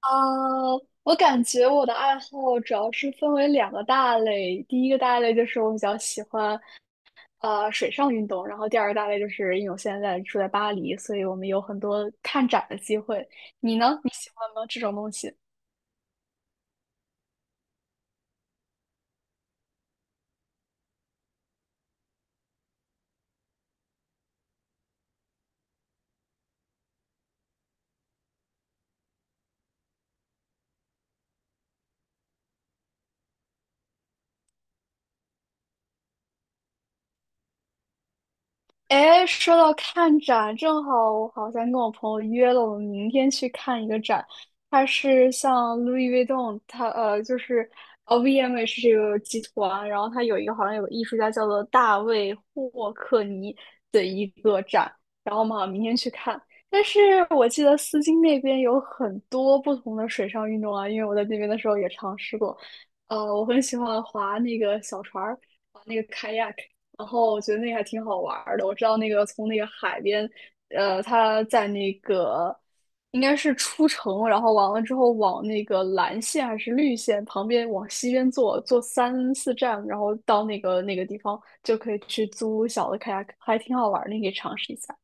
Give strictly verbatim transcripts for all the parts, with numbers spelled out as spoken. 啊，我感觉我的爱好主要是分为两个大类，第一个大类就是我比较喜欢，呃，水上运动。然后第二个大类就是因为我现在住在巴黎，所以我们有很多看展的机会。你呢？你喜欢吗？这种东西？哎，说到看展，正好我好像跟我朋友约了，我们明天去看一个展。它是像 Louis Vuitton，它呃就是呃 v m h 这个集团，然后它有一个好像有个艺术家叫做大卫霍克尼的一个展，然后我们好像明天去看。但是我记得丝巾那边有很多不同的水上运动啊，因为我在那边的时候也尝试过。呃，我很喜欢划那个小船儿。然后我觉得那个还挺好玩儿的。我知道那个从那个海边，呃，他在那个应该是出城，然后完了之后往那个蓝线还是绿线旁边往西边坐，坐三四站，然后到那个那个地方就可以去租小的 kayak，还挺好玩儿的，你可以尝试一下。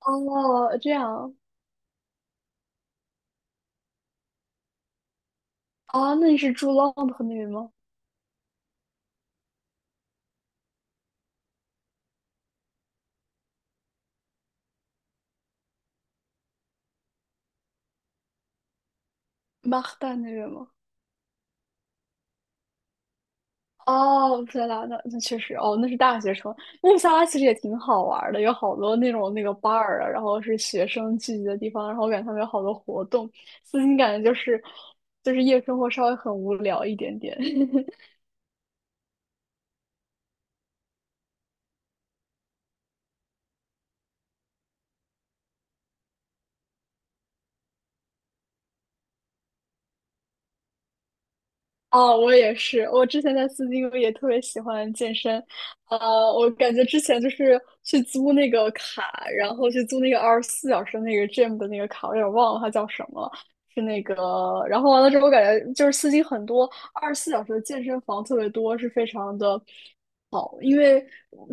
哦，这样啊？那你是住 London 那边吗？马赫代那边吗？哦，天拉那那确实哦，那是大学城。那布萨拉其实也挺好玩儿的，有好多那种那个 bar 啊，然后是学生聚集的地方，然后我感觉他们有好多活动。私心感觉就是就是夜生活稍微很无聊一点点。哦，我也是。我之前在斯金也特别喜欢健身，呃，我感觉之前就是去租那个卡，然后去租那个二十四小时那个 gym 的那个卡，我有点忘了它叫什么，是那个。然后完了之后，我感觉就是斯金很多二十四小时的健身房特别多，是非常的好，因为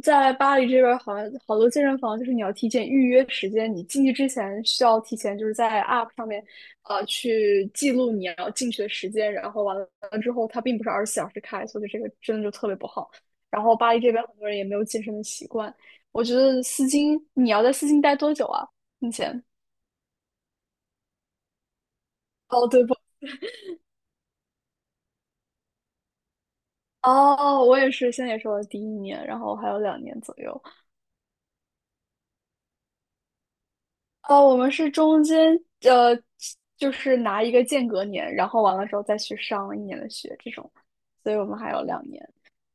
在巴黎这边儿好像好多健身房就是你要提前预约时间，你进去之前需要提前就是在 App 上面，呃，去记录你要进去的时间，然后完了之后它并不是二十四小时开，所以这个真的就特别不好。然后巴黎这边很多人也没有健身的习惯，我觉得丝巾你要在丝巾待多久啊？目前？哦，对不？哦，我也是，现在也是我的第一年，然后还有两年左右。哦，我们是中间呃，就是拿一个间隔年，然后完了之后再去上一年的学这种，所以我们还有两年。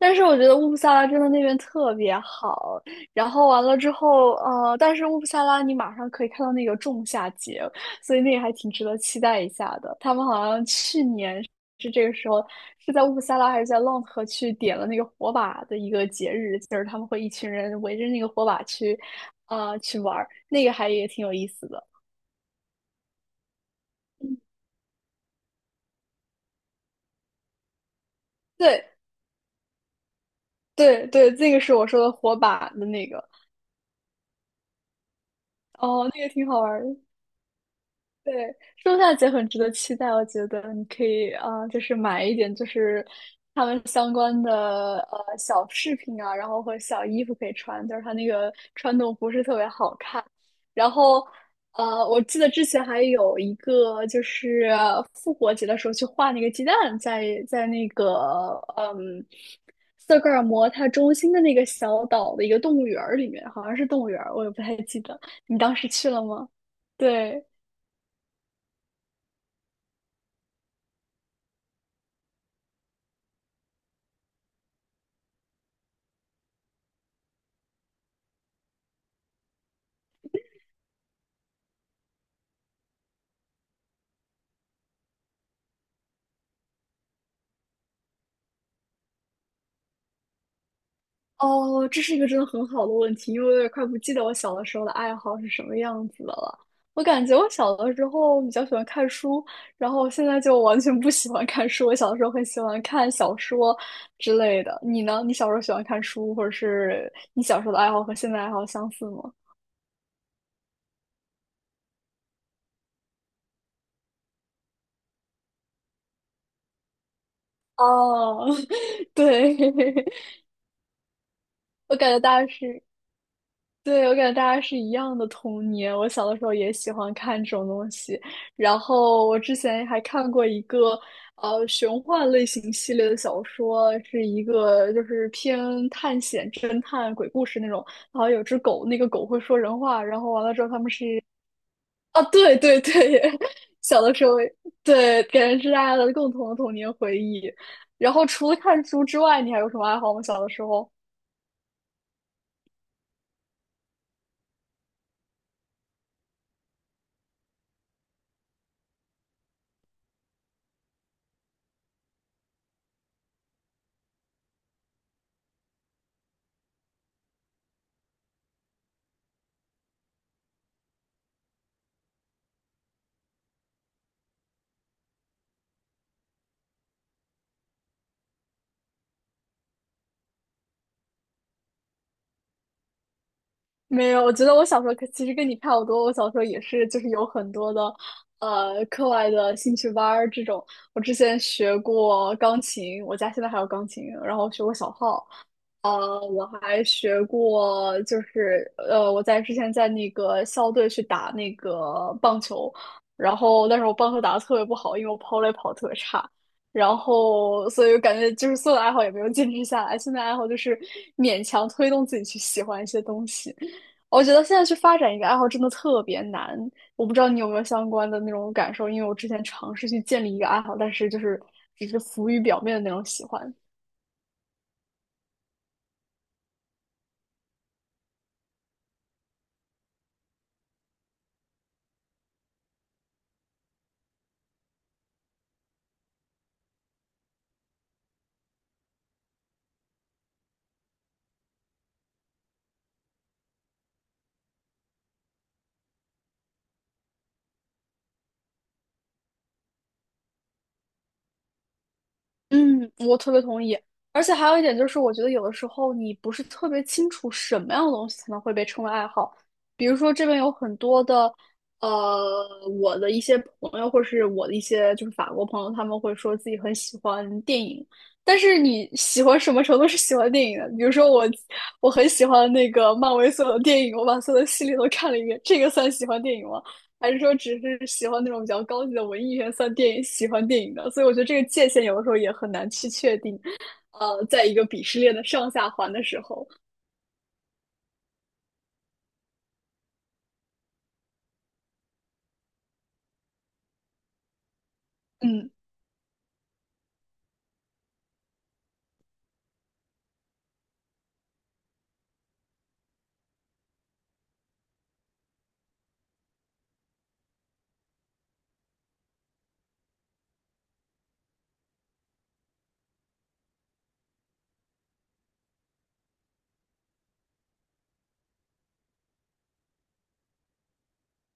但是我觉得乌普萨拉真的那边特别好，然后完了之后，呃，但是乌普萨拉你马上可以看到那个仲夏节，所以那个还挺值得期待一下的。他们好像去年是这个时候是在乌普萨拉还是在浪河去点了那个火把的一个节日，就是他们会一群人围着那个火把去，啊，去玩儿，那个还也挺有意思的。对对对，这个是我说的火把的那个。哦，那个挺好玩儿的。对，圣诞节很值得期待，我觉得你可以啊、呃就是买一点，就是他们相关的呃小饰品啊，然后和小衣服可以穿，就是它那个传统服饰特别好看。然后呃，我记得之前还有一个就是复活节的时候去画那个鸡蛋在，在那个嗯斯德哥尔摩它中心的那个小岛的一个动物园儿里面，好像是动物园儿，我也不太记得。你当时去了吗？对。哦，这是一个真的很好的问题，因为我有点快不记得我小的时候的爱好是什么样子的了。我感觉我小的时候比较喜欢看书，然后现在就完全不喜欢看书。我小的时候很喜欢看小说之类的。你呢？你小时候喜欢看书，或者是你小时候的爱好和现在爱好相似吗？哦，对，我感觉大家是。对，我感觉大家是一样的童年。我小的时候也喜欢看这种东西，然后我之前还看过一个呃玄幻类型系列的小说，是一个就是偏探险、侦探、鬼故事那种。然后有只狗，那个狗会说人话，然后完了之后他们是啊，对对对，小的时候对，感觉是大家的共同的童年回忆。然后除了看书之外，你还有什么爱好吗？小的时候？没有，我觉得我小时候可其实跟你差不多。我小时候也是，就是有很多的，呃，课外的兴趣班儿这种。我之前学过钢琴，我家现在还有钢琴，然后学过小号，呃，我还学过，就是呃，我在之前在那个校队去打那个棒球，然后但是我棒球打得特别不好，因为我跑垒跑得特别差，然后所以我感觉就是所有的爱好也没有坚持下来，现在爱好就是勉强推动自己去喜欢一些东西。我觉得现在去发展一个爱好真的特别难，我不知道你有没有相关的那种感受，因为我之前尝试去建立一个爱好，但是就是只是浮于表面的那种喜欢。嗯，我特别同意。而且还有一点就是，我觉得有的时候你不是特别清楚什么样的东西才能会被称为爱好。比如说，这边有很多的，呃，我的一些朋友，或是我的一些就是法国朋友，他们会说自己很喜欢电影。但是你喜欢什么程度是喜欢电影的？比如说我，我很喜欢那个漫威所有的电影，我把所有的系列都看了一遍，这个算喜欢电影吗？还是说只是喜欢那种比较高级的文艺元算电影喜欢电影的？所以我觉得这个界限有的时候也很难去确定。呃，在一个鄙视链的上下环的时候，嗯，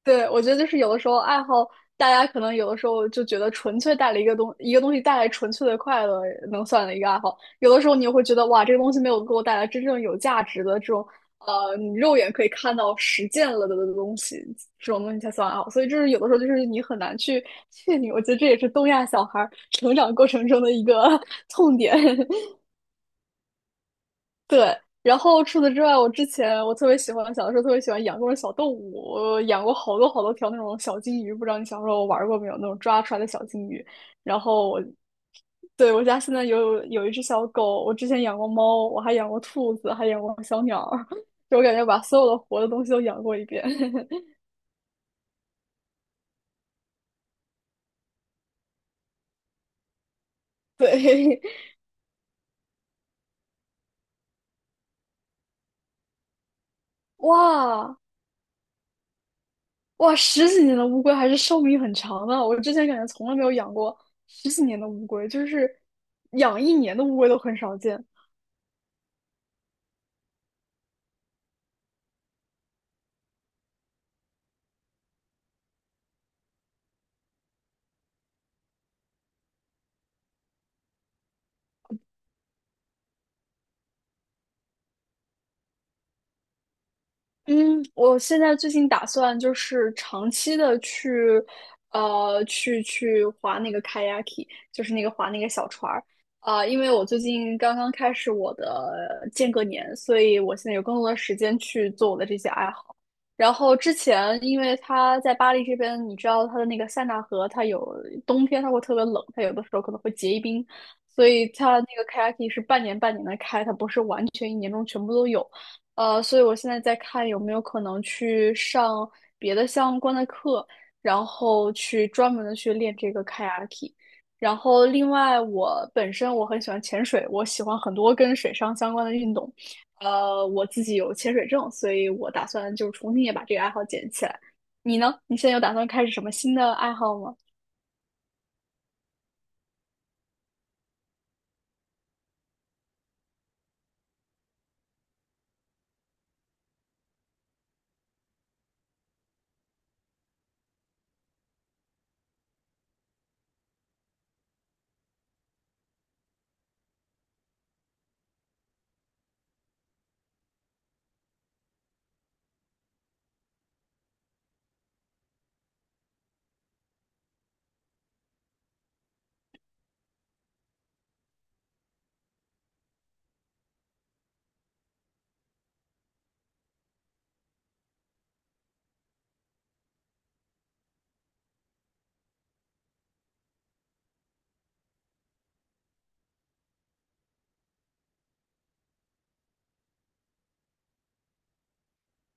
对，我觉得就是有的时候爱好，大家可能有的时候就觉得纯粹带了一个东一个东西带来纯粹的快乐，能算的一个爱好。有的时候你又会觉得哇，这个东西没有给我带来真正有价值的这种，呃，你肉眼可以看到实践了的东西，这种东西才算爱好。所以就是有的时候就是你很难去确定，我觉得这也是东亚小孩儿成长过程中的一个 痛点。对，然后除此之外，我之前我特别喜欢，小的时候特别喜欢养各种小动物，我养过好多好多条那种小金鱼，不知道你小时候玩过没有？那种抓出来的小金鱼。然后我，对，我家现在有有一只小狗，我之前养过猫，我还养过兔子，还养过小鸟儿 就我感觉把所有的活的东西都养过一遍。对，哇哇，十几年的乌龟还是寿命很长的。我之前感觉从来没有养过十几年的乌龟，就是养一年的乌龟都很少见。嗯，我现在最近打算就是长期的去，呃，去去划那个 kayaki，就是那个划那个小船儿。啊、因为我最近刚刚开始我的间隔年，所以我现在有更多的时间去做我的这些爱好。然后之前，因为它在巴黎这边，你知道它的那个塞纳河，它有冬天它会特别冷，它有的时候可能会结一冰，所以它那个 kayaki 是半年半年的开，它不是完全一年中全部都有。呃，所以我现在在看有没有可能去上别的相关的课，然后去专门的去练这个 k a y a k i 然后另外，我本身我很喜欢潜水，我喜欢很多跟水上相关的运动。呃，我自己有潜水证，所以我打算就重新也把这个爱好捡起来。你呢？你现在有打算开始什么新的爱好吗？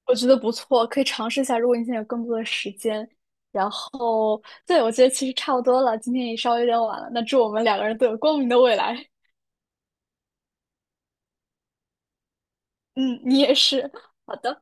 我觉得不错，可以尝试一下。如果你现在有更多的时间，然后，对，我觉得其实差不多了，今天也稍微有点晚了。那祝我们两个人都有光明的未来。嗯，你也是。好的。